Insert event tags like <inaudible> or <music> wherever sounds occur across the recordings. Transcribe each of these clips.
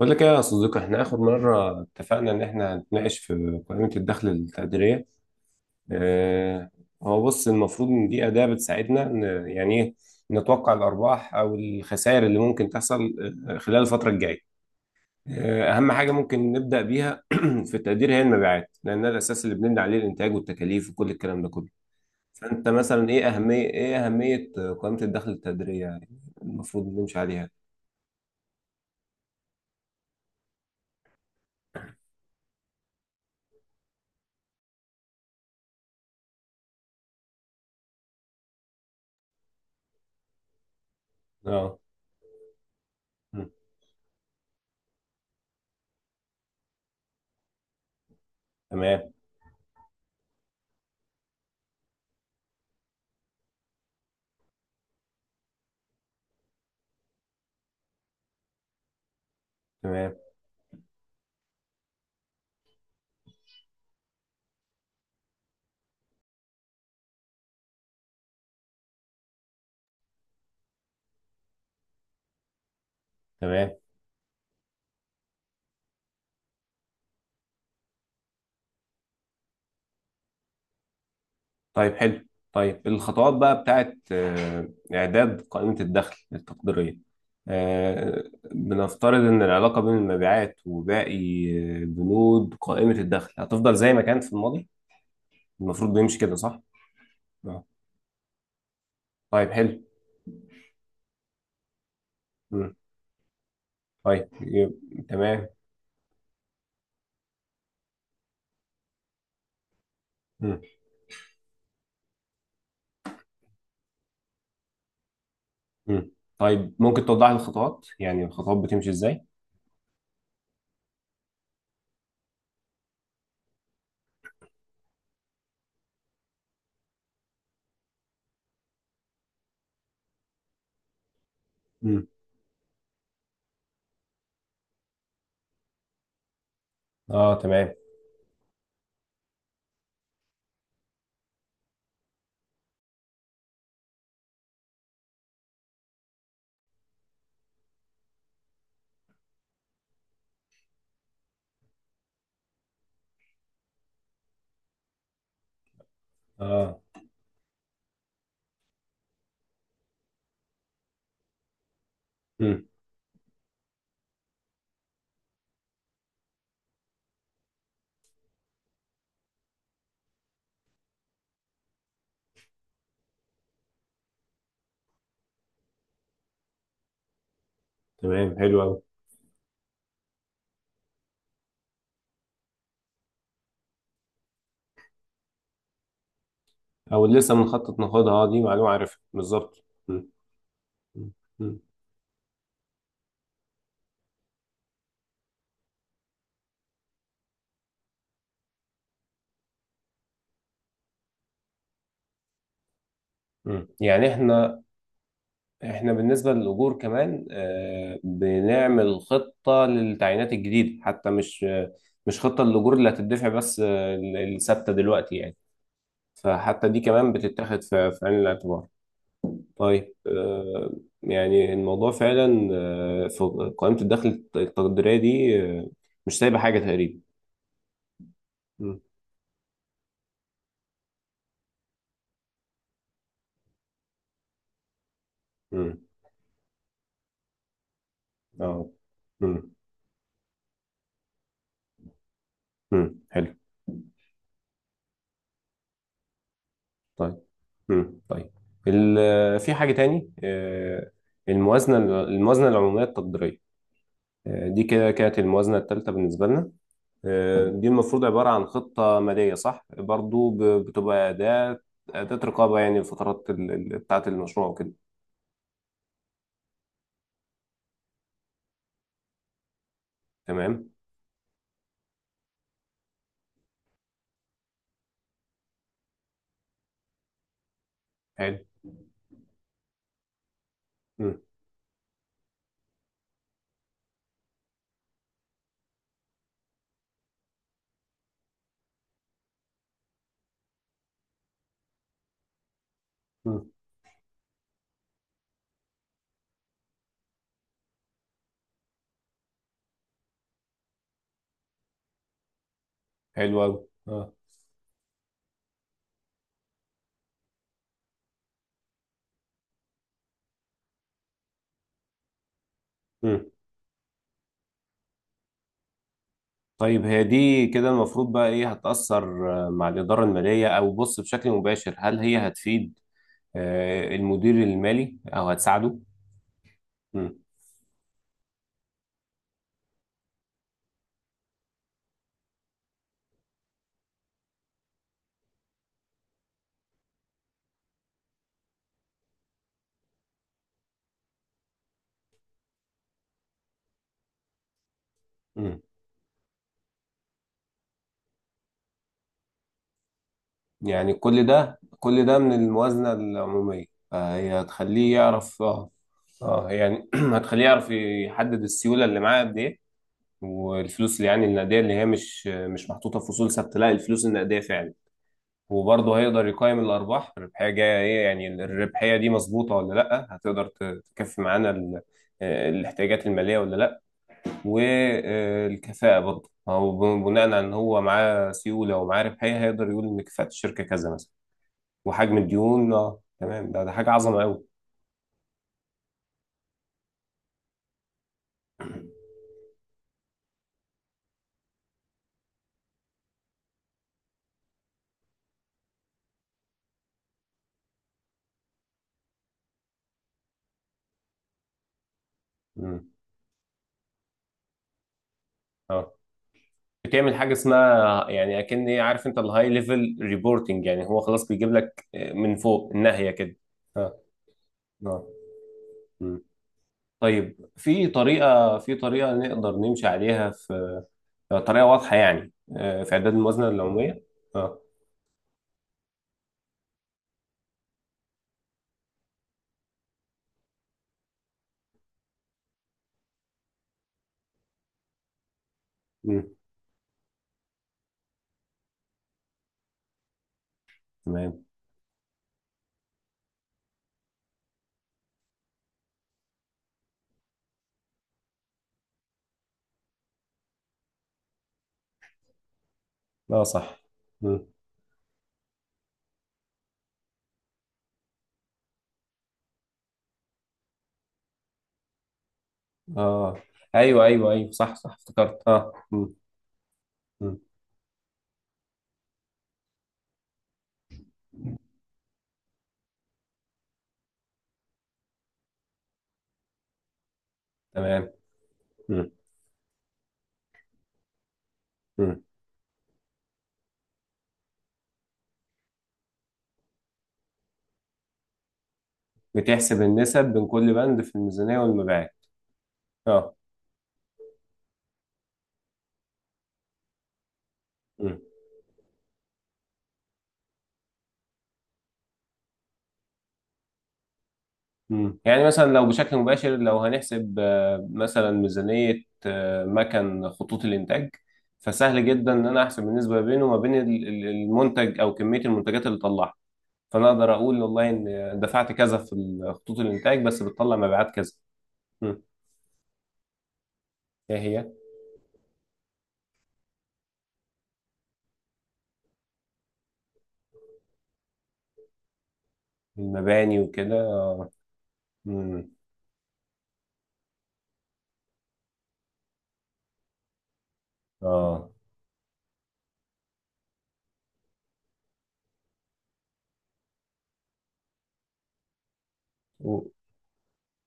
بقول لك ايه يا صديقي، احنا اخر مره اتفقنا ان احنا هنتناقش في قائمه الدخل التقديريه. اه. هو بص، المفروض ان دي اداه بتساعدنا ان يعني ايه نتوقع الارباح او الخسائر اللي ممكن تحصل خلال الفتره الجايه. اه اهم حاجه ممكن نبدا بيها <clears throat> في التقدير هي المبيعات، لانها الاساس اللي بنبني عليه الانتاج والتكاليف وكل الكلام ده كله. فانت مثلا ايه اهميه قائمه الدخل التقديريه، يعني المفروض نمشي عليها؟ اه. م. تمام، تمام، تمام. طيب حلو. طيب الخطوات بقى بتاعت إعداد قائمة الدخل التقديرية. آه، بنفترض إن العلاقة بين المبيعات وباقي بنود قائمة الدخل هتفضل زي ما كانت في الماضي. المفروض بيمشي كده صح؟ آه. طيب حلو. مم. طيب تمام. مم. مم. طيب ممكن توضح لي الخطوات، يعني الخطوات بتمشي إزاي؟ مم. آه تمام. آه. مم. تمام حلو أوي. أو لسه بنخطط ناخدها، دي معلومة عارفها بالظبط. مم. مم. مم. يعني احنا بالنسبة للأجور كمان بنعمل خطة للتعيينات الجديدة، حتى مش خطة للأجور اللي هتدفع بس، الثابتة دلوقتي يعني. فحتى دي كمان بتتاخد في عين الاعتبار. طيب، يعني الموضوع فعلا في قائمة الدخل التقديرية دي مش سايبة حاجة تقريبا. مم. مم. اه. مم. مم. حلو. طيب. طيب، في حاجة تاني الموازنة الموازنة العمومية التقديرية. دي كده كانت الموازنة الثالثة بالنسبة لنا. دي المفروض عبارة عن خطة مالية صح؟ برضو بتبقى أداة، أداة رقابة، يعني الفترات بتاعة المشروع وكده. تمام؟ حلو. مم. مم. حلو أوي اه. مم. طيب هي دي كده المفروض بقى إيه هتأثر مع الإدارة المالية؟ أو بص، بشكل مباشر، هل هي هتفيد المدير المالي أو هتساعده؟ مم. مم. يعني كل ده كل ده من الموازنة العمومية، فهي هتخليه يعرف. اه اه يعني <clears throat> هتخليه يعرف يحدد السيولة اللي معاه قد ايه، والفلوس اللي يعني النقدية، اللي هي مش محطوطة في أصول ثابتة، لا، الفلوس النقدية فعلا. وبرضه هيقدر يقيم الأرباح، الربحية جاية ايه، يعني الربحية دي مظبوطة ولا لا، هتقدر تكفي معانا الاحتياجات المالية ولا لا؟ والكفاءة برضه هو بناء على إن هو معاه سيولة ومعاه ربحية هيقدر يقول إن كفاءة الشركة كذا مثلا. وحجم الديون. أه تمام، ده حاجة عظمة أوي. مم. أه. بتعمل حاجة اسمها يعني أكن إيه، عارف أنت الهاي ليفل ريبورتنج؟ يعني هو خلاص بيجيب لك من فوق الناهية كده. أه. أه. مم. طيب، في طريقة نقدر نمشي عليها في طريقة واضحة، يعني في إعداد الموازنة العمومية؟ اه. مم. تمام. اه صح. مم. اه. ايوه، ايوه، ايوه، صح، صح، افتكرت. اه. مم. مم. تمام. مم. مم. بتحسب النسب بين كل بند في الميزانية والمبيعات. اه. مم. مم. يعني مثلا، لو بشكل مباشر، لو هنحسب مثلا ميزانية مكن خطوط الإنتاج، فسهل جدا إن أنا أحسب النسبة بينه وما بين المنتج أو كمية المنتجات اللي طلعها. فأنا أقدر أقول والله إن دفعت كذا في خطوط الإنتاج، بس بتطلع مبيعات كذا. مم. إيه هي؟ المباني وكده اه. مم. اه.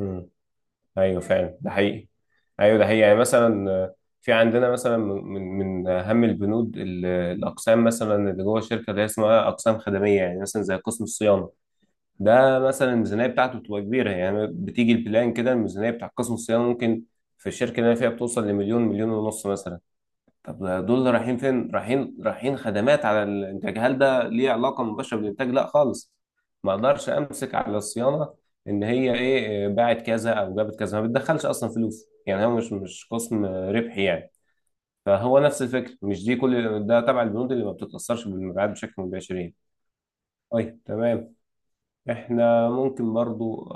امم ايوه فعلا ده حقيقي. ايوه ده حقيقي، يعني مثلا في عندنا مثلا من اهم البنود، الاقسام مثلا اللي جوه الشركه، اللي هي اسمها اقسام خدميه، يعني مثلا زي قسم الصيانه. ده مثلا الميزانيه بتاعته بتبقى كبيره، يعني بتيجي البلان كده، الميزانيه بتاع قسم الصيانه ممكن في الشركه اللي انا فيها بتوصل لمليون، مليون ونص مثلا. طب دول رايحين فين؟ رايحين، رايحين خدمات على الانتاج. هل ده ليه علاقة مباشرة بالانتاج؟ لا خالص، ما اقدرش امسك على الصيانة ان هي ايه باعت كذا او جابت كذا. ما بتدخلش اصلا فلوس، يعني هو مش قسم ربحي يعني. فهو نفس الفكرة، مش دي، كل ده تبع البنود اللي ما بتتأثرش بالمبيعات بشكل مباشر يعني. طيب تمام. احنا ممكن برضو.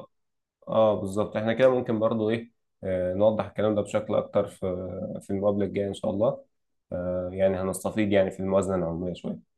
اه بالظبط، احنا كده ممكن برضو ايه نوضح الكلام ده بشكل اكتر في في المقابله الجايه ان شاء الله. يعني هنستفيد يعني في الموازنه العمريه شويه.